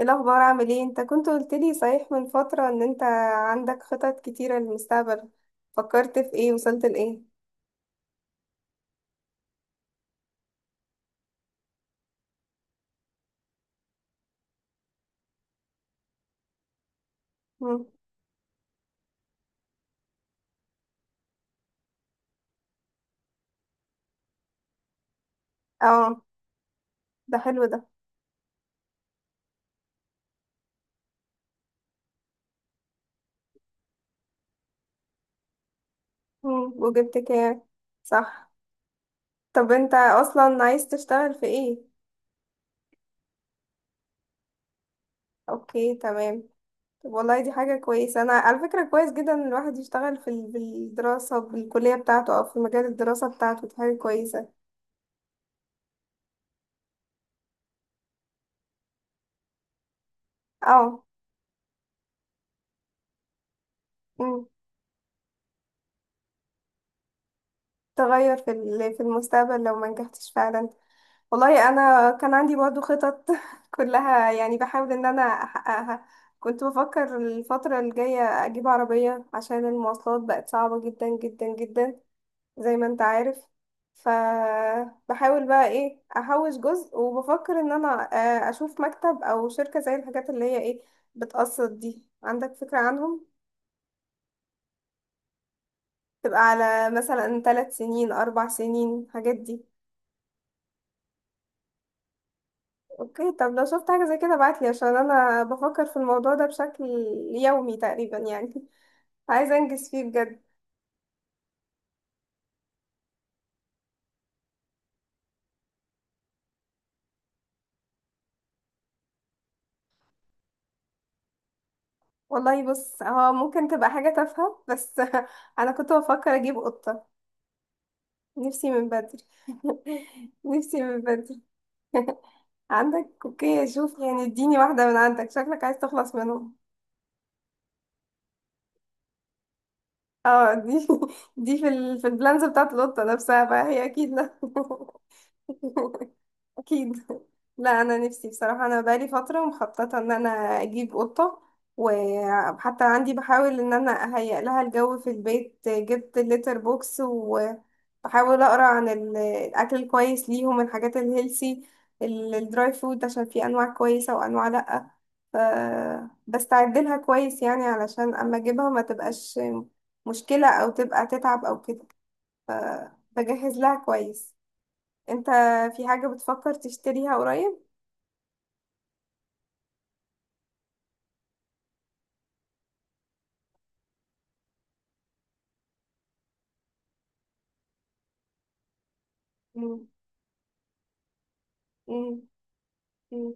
ايه الاخبار، عامل ايه؟ انت كنت قلت لي صحيح من فترة ان انت عندك خطط كتيرة للمستقبل. فكرت في ايه، وصلت لايه؟ مم. اه، ده حلو ده. مم. وجبت كام؟ صح. طب انت اصلا عايز تشتغل في ايه؟ اوكي، تمام. طب والله دي حاجة كويسة، انا على فكرة كويس جدا ان الواحد يشتغل في بالدراسة بالكلية بتاعته او في مجال الدراسة بتاعته، دي حاجة كويسة. اه. مم. تغير في في المستقبل لو ما نجحتش فعلا. والله انا كان عندي برضو خطط كلها يعني بحاول ان انا احققها. كنت بفكر الفترة الجاية اجيب عربية عشان المواصلات بقت صعبة جدا جدا جدا، زي ما انت عارف. فبحاول بقى ايه احوش جزء، وبفكر ان انا اشوف مكتب او شركة زي الحاجات اللي هي ايه، بتقسط دي، عندك فكرة عنهم؟ تبقى على مثلا 3 سنين، 4 سنين، الحاجات دي. اوكي، طب لو شفت حاجة زي كده ابعتلي عشان انا بفكر في الموضوع ده بشكل يومي تقريبا يعني. عايزة انجز فيه بجد. والله بص، هو ممكن تبقى حاجة تافهة، بس انا كنت بفكر اجيب قطة. نفسي من بدري. نفسي من بدري. عندك؟ اوكي، شوف يعني اديني واحدة من عندك، شكلك عايز تخلص منهم. اه، دي دي في في البلانز بتاعت القطة نفسها بقى، هي اكيد لا. اكيد. لا، انا نفسي بصراحه، انا بقالي فتره مخططه ان انا اجيب قطه. وحتى عندي بحاول ان انا اهيئ لها الجو في البيت، جبت الليتر بوكس، وبحاول اقرا عن الاكل الكويس ليهم، الحاجات الهيلسي، الدراي فود، عشان في انواع كويسه وانواع لا. ف بستعد لها كويس يعني علشان اما اجيبها ما تبقاش مشكله او تبقى تتعب او كده. بجهز لها كويس. انت في حاجه بتفكر تشتريها قريب؟ مم. مم. مم.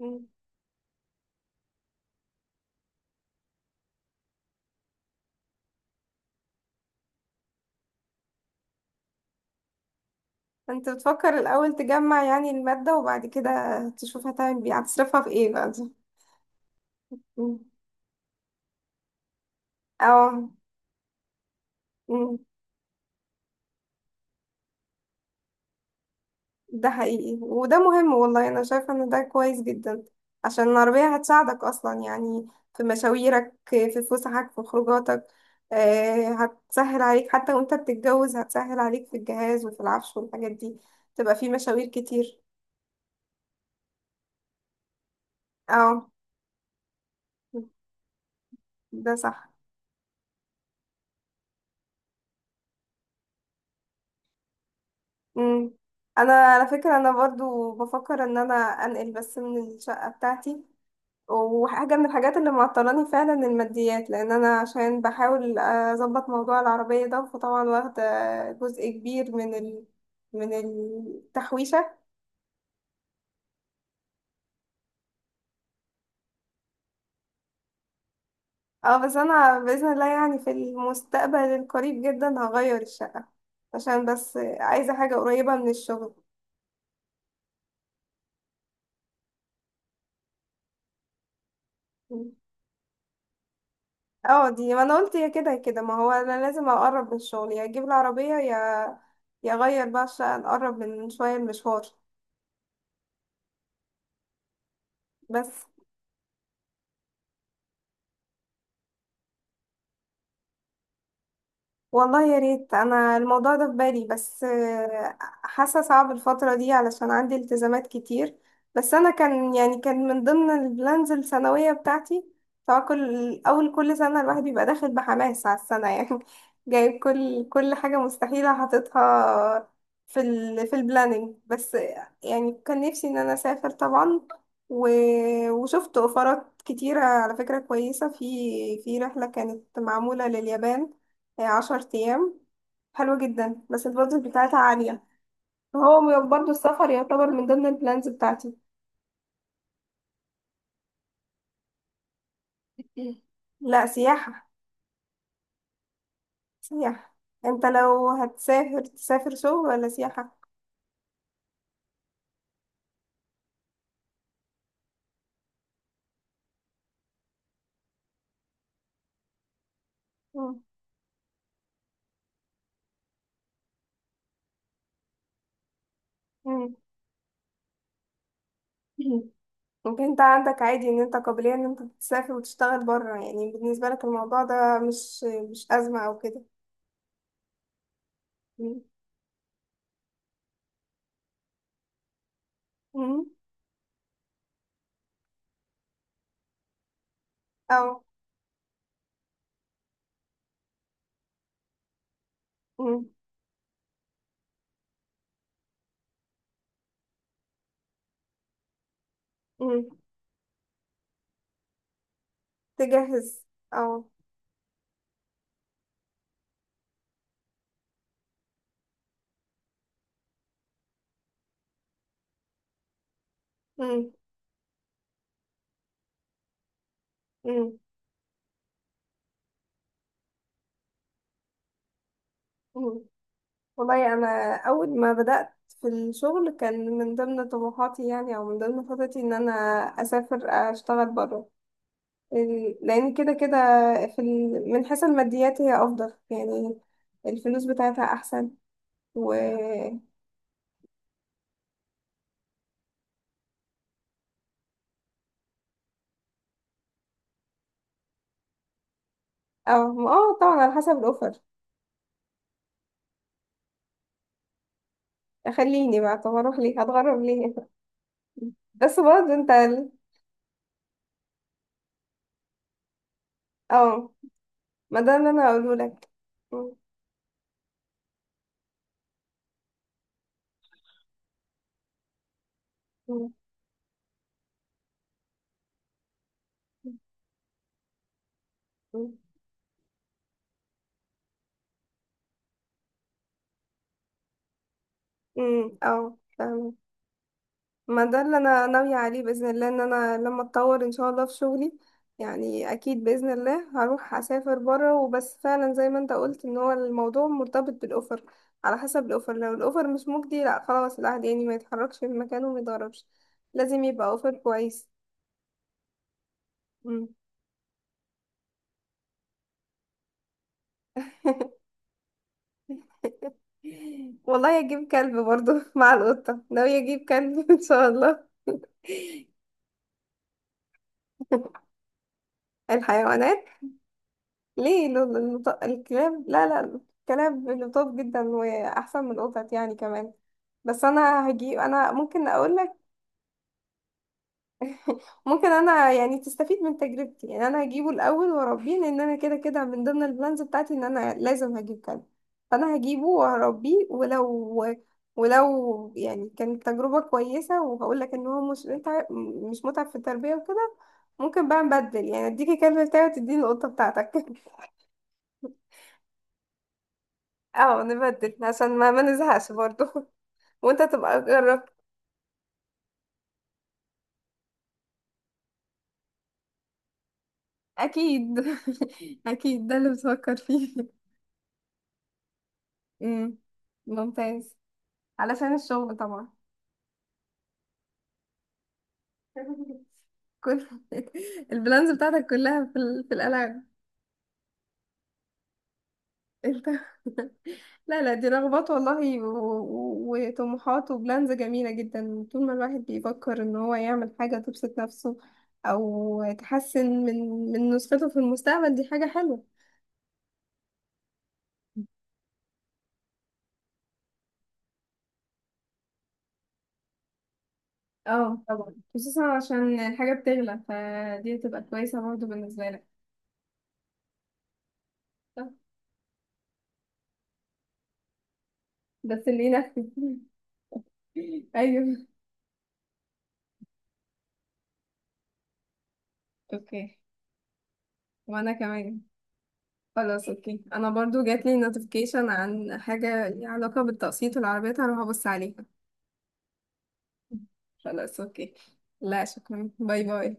مم. انت بتفكر الاول تجمع يعني المادة، وبعد كده تشوف هتعمل بيه، هتصرفها في ايه بقى دي؟ مم. اه. مم. ده حقيقي، وده مهم. والله انا شايفة ان ده كويس جدا، عشان العربية هتساعدك اصلا يعني في مشاويرك، في فسحك، في خروجاتك. هتسهل عليك حتى وانت بتتجوز، هتسهل عليك في الجهاز وفي العفش والحاجات دي، تبقى في مشاوير كتير. اه. ده صح. مم. انا على فكره انا برضو بفكر ان انا انقل بس من الشقه بتاعتي، وحاجه من الحاجات اللي معطلاني فعلا الماديات، لان انا عشان بحاول اظبط موضوع العربيه ده فطبعا واخده جزء كبير من من التحويشه. اه، بس انا باذن الله يعني في المستقبل القريب جدا هغير الشقه، عشان بس عايزه حاجه قريبه من الشغل. اه دي، ما انا قلت يا كده يا كده، ما هو انا لازم اقرب من الشغل، يا اجيب العربية، يا يا اغير بقى عشان اقرب من شوية المشوار. بس. والله يا ريت، انا الموضوع ده في بالي، بس حاسه صعب الفتره دي علشان عندي التزامات كتير. بس انا كان يعني كان من ضمن البلانز السنويه بتاعتي. طبعا كل اول كل سنه الواحد بيبقى داخل بحماس على السنه يعني جايب كل حاجه مستحيله حاططها في ال في البلاننج. بس يعني كان نفسي ان انا اسافر طبعا. و... وشفت اوفرات كتيره على فكره كويسه في رحله كانت معموله لليابان، هي 10 أيام، حلوة جدا بس البادجت بتاعتها عالية. هو برضه السفر يعتبر من ضمن البلانز بتاعتي. لا، سياحة. سياحة. انت لو هتسافر تسافر شغل ولا سياحة؟ مم. مم. ممكن انت عندك عادي ان انت قابلية ان انت تسافر وتشتغل بره، يعني بالنسبة لك الموضوع ده مش أزمة او كده؟ مم. مم. او. مم. مم. تجهز او. مم. مم. مم. والله انا اول ما بدات في الشغل كان من ضمن طموحاتي يعني او من ضمن خططي ان انا اسافر اشتغل بره، لان كده كده في من حيث الماديات هي افضل يعني، الفلوس بتاعتها احسن. و اه. اه طبعا على حسب الاوفر. خليني بقى، طب اروح ليه، هتغرب ليه؟ بس برضه انت اه، ما ده اللي انا هقوله لك. م- م- م- اه، فاهمة. ما ده اللي انا ناوية عليه بإذن الله ان انا لما اتطور ان شاء الله في شغلي، يعني اكيد بإذن الله هروح اسافر بره. وبس فعلا زي ما انت قلت ان هو الموضوع مرتبط بالاوفر، على حسب الاوفر. لو الاوفر مش مجدي، لا خلاص، الواحد يعني ما يتحركش من مكانه وما يتغربش. لازم يبقى اوفر كويس. مم. والله اجيب كلب برضو، مع القطة ناوية اجيب كلب ان شاء الله. الحيوانات. ليه الكلاب؟ لا لا، الكلاب لطاف جدا واحسن من القطط يعني كمان. بس انا هجيب، انا ممكن اقول لك. ممكن انا يعني تستفيد من تجربتي، يعني انا هجيبه الاول واربيه، لان انا كده كده من ضمن البلانز بتاعتي ان انا لازم هجيب كلب. فانا هجيبه وهربيه، ولو يعني كانت تجربة كويسة، وهقول لك ان هو مش متعب، مش متعب في التربية وكده، ممكن بقى نبدل، يعني اديكي كلب بتاعي وتديني القطة بتاعتك. اه نبدل عشان ما نزهقش برضو. وانت تبقى جربت. اكيد. اكيد ده اللي بتفكر فيه. امم. ممتاز. علشان الشغل طبعا. كل البلانز بتاعتك كلها في في الالعاب. انت. لا لا، دي رغبات والله وطموحات وبلانز جميلة جدا، طول ما الواحد بيفكر ان هو يعمل حاجة تبسط نفسه او تحسن من نسخته في المستقبل، دي حاجة حلوة. اه طبعا، خصوصا عشان الحاجة بتغلى فدي تبقى كويسة برضه بالنسبة لك. صح؟ بس اللي ينفذ. ايوه. اوكي. وانا كمان. خلاص اوكي، انا برضو جات لي نوتيفيكيشن عن حاجة ليها علاقة بالتقسيط والعربيات، هروح ابص عليها. خلاص اوكي، لا شكرا، باي باي.